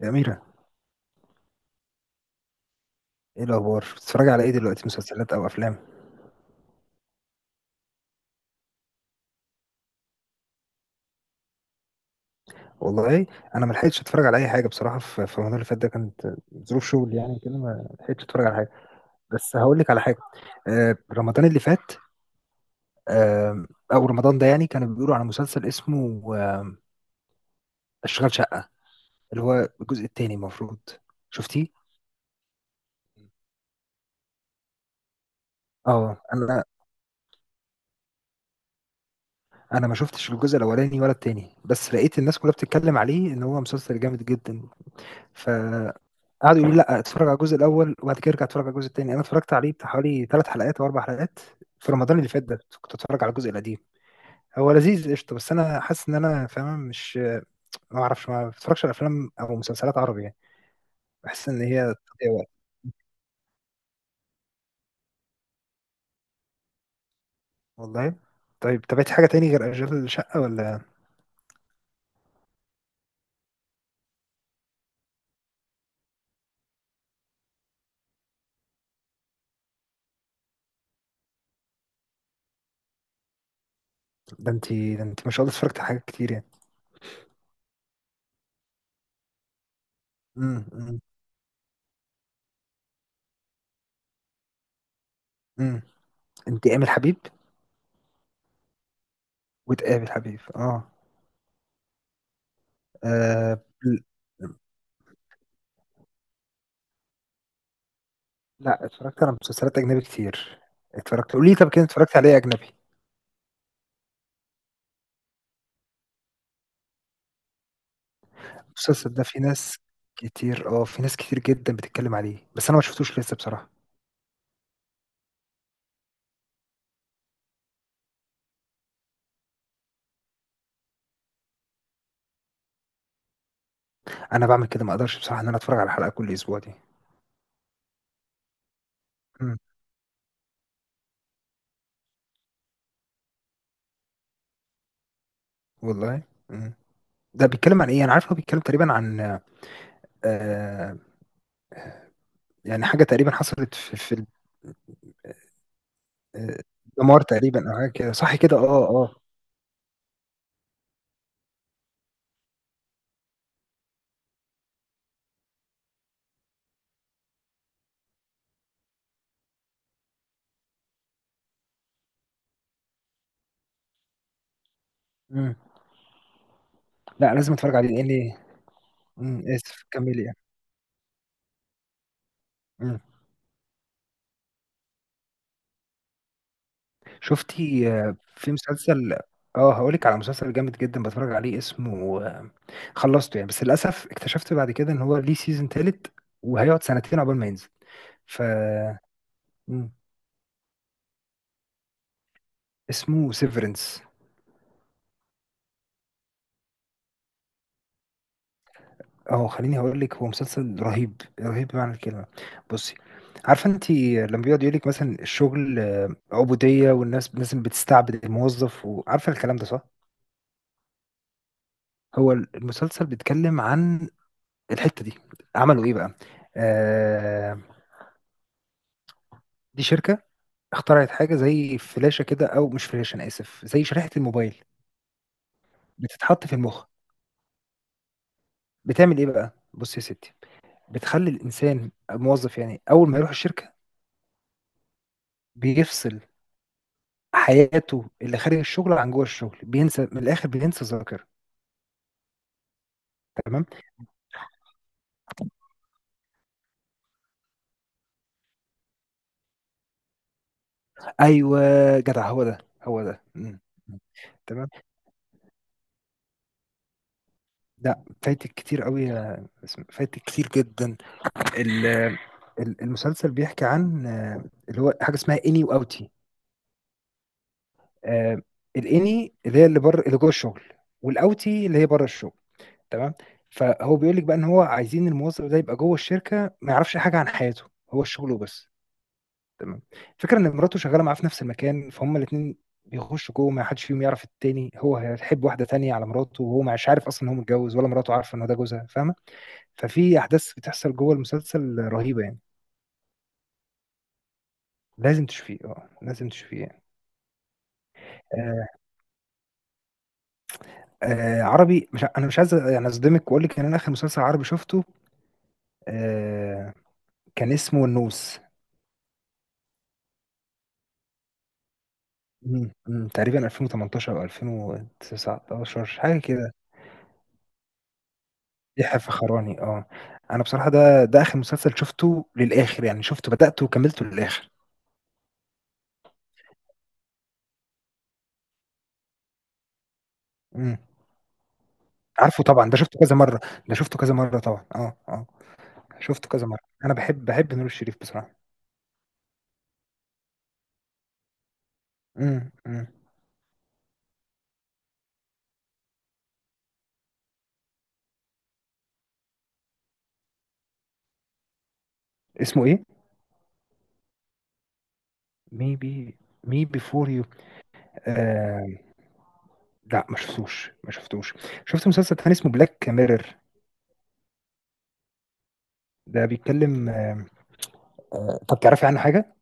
يا أميرة، ايه الأخبار؟ بتتفرج على ايه دلوقتي، مسلسلات أو أفلام؟ والله أنا ما لحقتش أتفرج على أي حاجة بصراحة، في رمضان اللي فات ده كانت ظروف شغل، يعني كده ما لحقتش أتفرج على حاجة. بس هقول لك على حاجة. آه رمضان اللي فات، آه، أو رمضان ده، يعني كانوا بيقولوا على مسلسل اسمه أشغال شقة، اللي هو الجزء التاني المفروض. شفتيه؟ اه انا ما شفتش الجزء الاولاني ولا التاني، بس لقيت الناس كلها بتتكلم عليه ان هو مسلسل جامد جدا. ف قعدوا يقولوا لي لا اتفرج على الجزء الاول وبعد كده ارجع اتفرج على الجزء الثاني. انا اتفرجت عليه بتاع حوالي ثلاث حلقات او اربع حلقات في رمضان اللي فات ده، كنت اتفرج على الجزء القديم. هو لذيذ قشطه، بس انا حاسس ان انا فاهم، مش ما اعرفش، ما بتفرجش على افلام او مسلسلات عربي يعني، بحس ان هي تضييع وقت. والله. طيب تابعتي حاجه تاني غير اشغال الشقه ولا؟ ده انت، ده انت ما شاء الله اتفرجت على حاجات كتير يعني. امم امم امم، انت امل حبيب؟ وتقابل حبيب، اه. آه، لا، اتفرجت على مسلسلات اجنبي كتير. اتفرجت، قولي لي طب كده اتفرجت على ايه اجنبي؟ المسلسل ده في ناس كتير، اه في ناس كتير جدا بتتكلم عليه، بس انا ما شفتوش لسه بصراحه. انا بعمل كده، ما اقدرش بصراحه ان انا اتفرج على حلقه كل اسبوع دي. مم. والله. مم. ده بيتكلم عن ايه؟ انا عارف هو بيتكلم تقريبا عن، آه، يعني حاجه تقريبا حصلت في ال-، آه، دمار تقريبا او حاجه كده، صح كده، اه اه. مم. لا لازم اتفرج عليه، لان إيه؟ اسف كملي يعني. مم. شفتي، في مسلسل، اه هقولك على مسلسل جامد جدا بتفرج عليه، اسمه خلصته يعني، بس للاسف اكتشفت بعد كده ان هو ليه سيزون تالت، وهيقعد سنتين عقبال ما ينزل. ف مم. اسمه سيفرنس. اهو خليني هقول لك، هو مسلسل رهيب، رهيب بمعنى الكلمه. بصي، عارفه انت لما بيقعد يقول لك مثلا الشغل عبوديه والناس لازم بتستعبد الموظف، وعارفه الكلام ده صح. هو المسلسل بيتكلم عن الحته دي. عملوا ايه بقى؟ آه، دي شركه اخترعت حاجه زي فلاشه كده، او مش فلاشه، انا اسف، زي شريحه الموبايل، بتتحط في المخ. بتعمل إيه بقى؟ بُصّي يا ستّي، بتخلّي الإنسان الموظف يعني أول ما يروح الشركة بيفصل حياته اللي خارج الشغل عن جوّه الشغل، بينسى من الآخر، بينسى الذاكرة. تمام، أيوه، جدع، هو ده، هو ده، إمم، إمم، تمام. لأ فايتِك كتير أوي يا ياسمين، فايتِك كتير جدًا. ال ال المسلسل بيحكي عن، اللي هو حاجة اسمها إني وأوتي. آآ الإني اللي هي اللي برّه، اللي جوّه الشغل، والأوتي اللي هي برّه الشغل. تمام. فهو بيقول لك بقى ان هو عايزين الموظف ده يبقى جوه الشركه ما يعرفش حاجه عن حياته، هو الشغل وبس. تمام. الفكره ان مراته شغاله معاه في نفس المكان، فهم الاثنين بيخشوا جوه ما حدش فيهم يعرف التاني. هو هيحب واحده تانية على مراته، وهو مش عارف اصلا ان هو متجوز، ولا مراته عارفه ان هو ده جوزها، فاهمه؟ ففي احداث بتحصل جوه المسلسل رهيبه يعني. لازم تشوفيه، اه لازم تشوفيه يعني. آه عربي، مش ع- انا مش عايز يعني اصدمك واقول لك ان انا اخر مسلسل عربي شفته، آه كان اسمه النوس. تقريبا 2018 او 2019 حاجه كده. يحيى الفخراني، اه. انا بصراحه ده اخر مسلسل شفته للاخر يعني، شفته، بدأته وكملته للاخر. امم. عارفه طبعا، ده شفته كذا مره، ده شفته كذا مره طبعا، اه اه، شفته كذا مره. انا بحب نور الشريف بصراحه. امم امم اسمه ايه؟ ميبي، مي بيفور يو. آه، لا ما شفتوش، ما شفتوش. شفت مسلسل تاني اسمه بلاك ميرور، ده بيتكلم، طب تعرفي عنه حاجه؟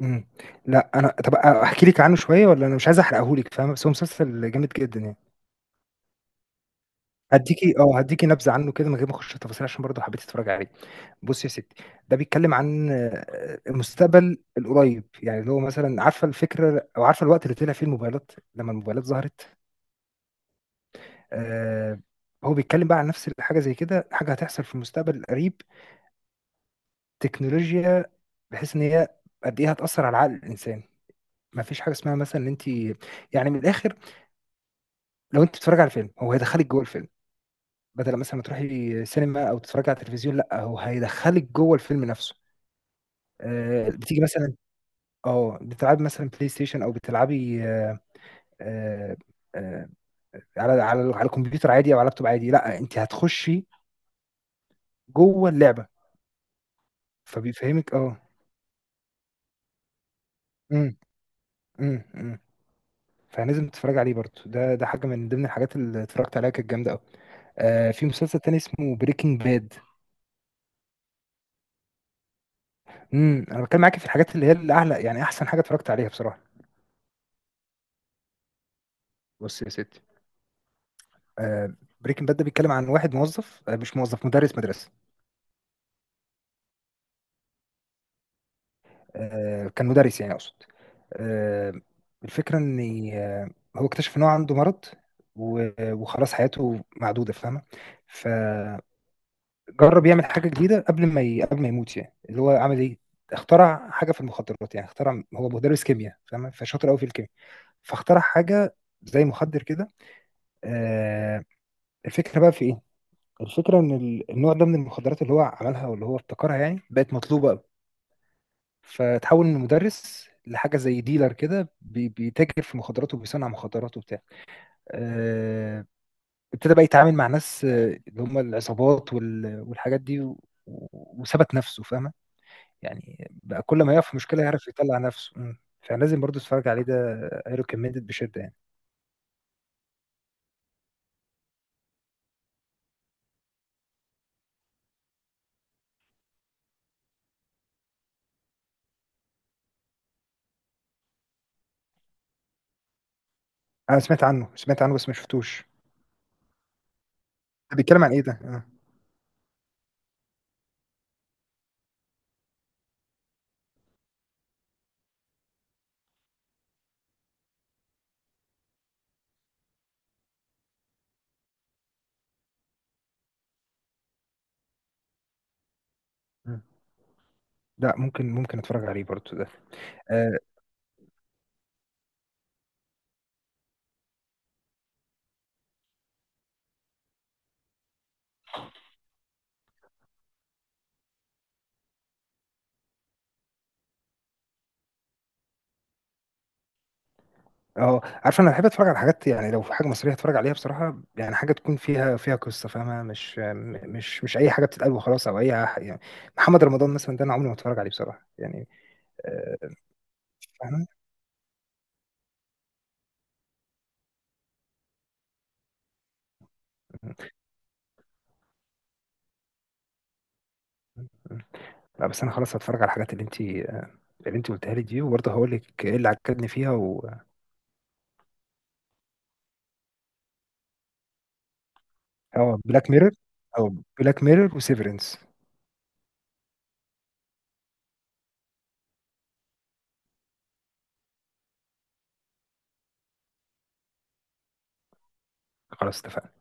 إمم. لأ أنا، طَب أحكي لِك عنه شوية، والّا أنا مش عايز أحرقه لِك فاهمة؟ بس هو مسلسل جامد جدًا يعني. هادّيكِ نبذة عنه كده من غير ما أخُش في التفاصيل، عشان برضه حبيتِ تتفرّجي عليه. بُصّي يا ستّي، ده بيتكلّم عن، آه، المستقبل القريّب، يعني اللي هو مثلًا، عارفة الفكرة أو عارفة الوقت اللي طلع فيه الموبايلات لمّا الموبايلات ظهرت؟ آآ هو بيتكلّم بقى عن نفس الحاجة زي كده، حاجة هتحصل في المستقبل القريب، تكنولوجيا، بحيث إن هي قد إيه هتأثّر على عقل الإنسان. ما فيش حاجة اسمها مثلًا إن أنتِ، يعني من الآخِر، لو انت بتتفرج على فيلم هو هيدخلك جوه الفيلم، بدل مثلا ما تروحي سينما او تتفرج على التلفزيون، لا هو هيدخلك جوه الفيلم نفسه. آه، بتيجي مثلا، اه بتلعبي مثلا بلاي ستيشن، او بتلعبي آه آه على على الكمبيوتر عادي، او على لابتوب عادي، لا انت هتخشي جوه اللعبه. فبيفهمك اه. امم امم امم فلازم تتفرج عليه برضه ده، ده حاجه من ضمن الحاجات اللي اتفرجت عليها كانت جامده قوي. آه في مسلسل تاني اسمه بريكنج باد. امم، انا بتكلم معاك في الحاجات اللي هي الاعلى، يعني احسن حاجه اتفرجت عليها بصراحه. بص يا ستي، بريكنج باد ده بيتكلم عن واحد موظف، مش موظف، مدرس، مدرسة، كان مدرس يعني أقصد. آه، الفكرة إن، آه، هو اكتشف إن هو عنده مرض، وخلاص حياته معدودة، فاهمة؟ فجرب يعمل حاجة جديدة قبل ما قبل ما يموت يعني. اللي هو عمل إيه؟ اخترع حاجة في المخدرات يعني، اخترع، هو مدرس كيمياء فاهمة، فشاطر قوي في الكيمياء، فاخترع حاجة زي مخدر كده. آه، الفكرة بقى في إيه؟ الفكرة إن النوع ده من المخدرات اللي هو عملها واللي هو ابتكرها يعني، بقت مطلوبة أوي، فتحول من مدرس لحاجة زي ديلر كده، بيتاجر في مخدرات وبيصنع مخدرات وبتاع، آه، ابتدى بقى يتعامل مع ناس، آه، اللي هم العصابات والحاجات دي وثبت نفسه فاهمة، يعني بقى كل ما يقف في مشكلة يعرف يطلع نفسه. فلازم برضه تتفرج عليه ده، اي ريكومندد بشدة يعني. أنا سمعت عنه، سمعت عنه بس ما شفتوش. ده بيتكلم عن إيه ده؟ آه. مم. لا ممكن، ممكن اتفرج عليه برضه ده. آه، اه عارف انا بحب اتفرج على حاجات يعني، لو في حاجه مصريه اتفرج عليها بصراحه، يعني حاجه تكون فيها، فيها قصه فاهمه، مش مش مش اي حاجه بتتقال وخلاص، او اي يعني، محمد رمضان مثلا ده انا عمري ما اتفرج عليه بصراحه يعني. آه، فاهمه. م- م. لا بس انا خلاص هتفرج على الحاجات اللي انت قلتها لي دي، وبرضه هقول لك ايه اللي عجبني فيها و... اه بلاك ميرور، او بلاك ميرور وسيفرنس. خلاص اتفقنا.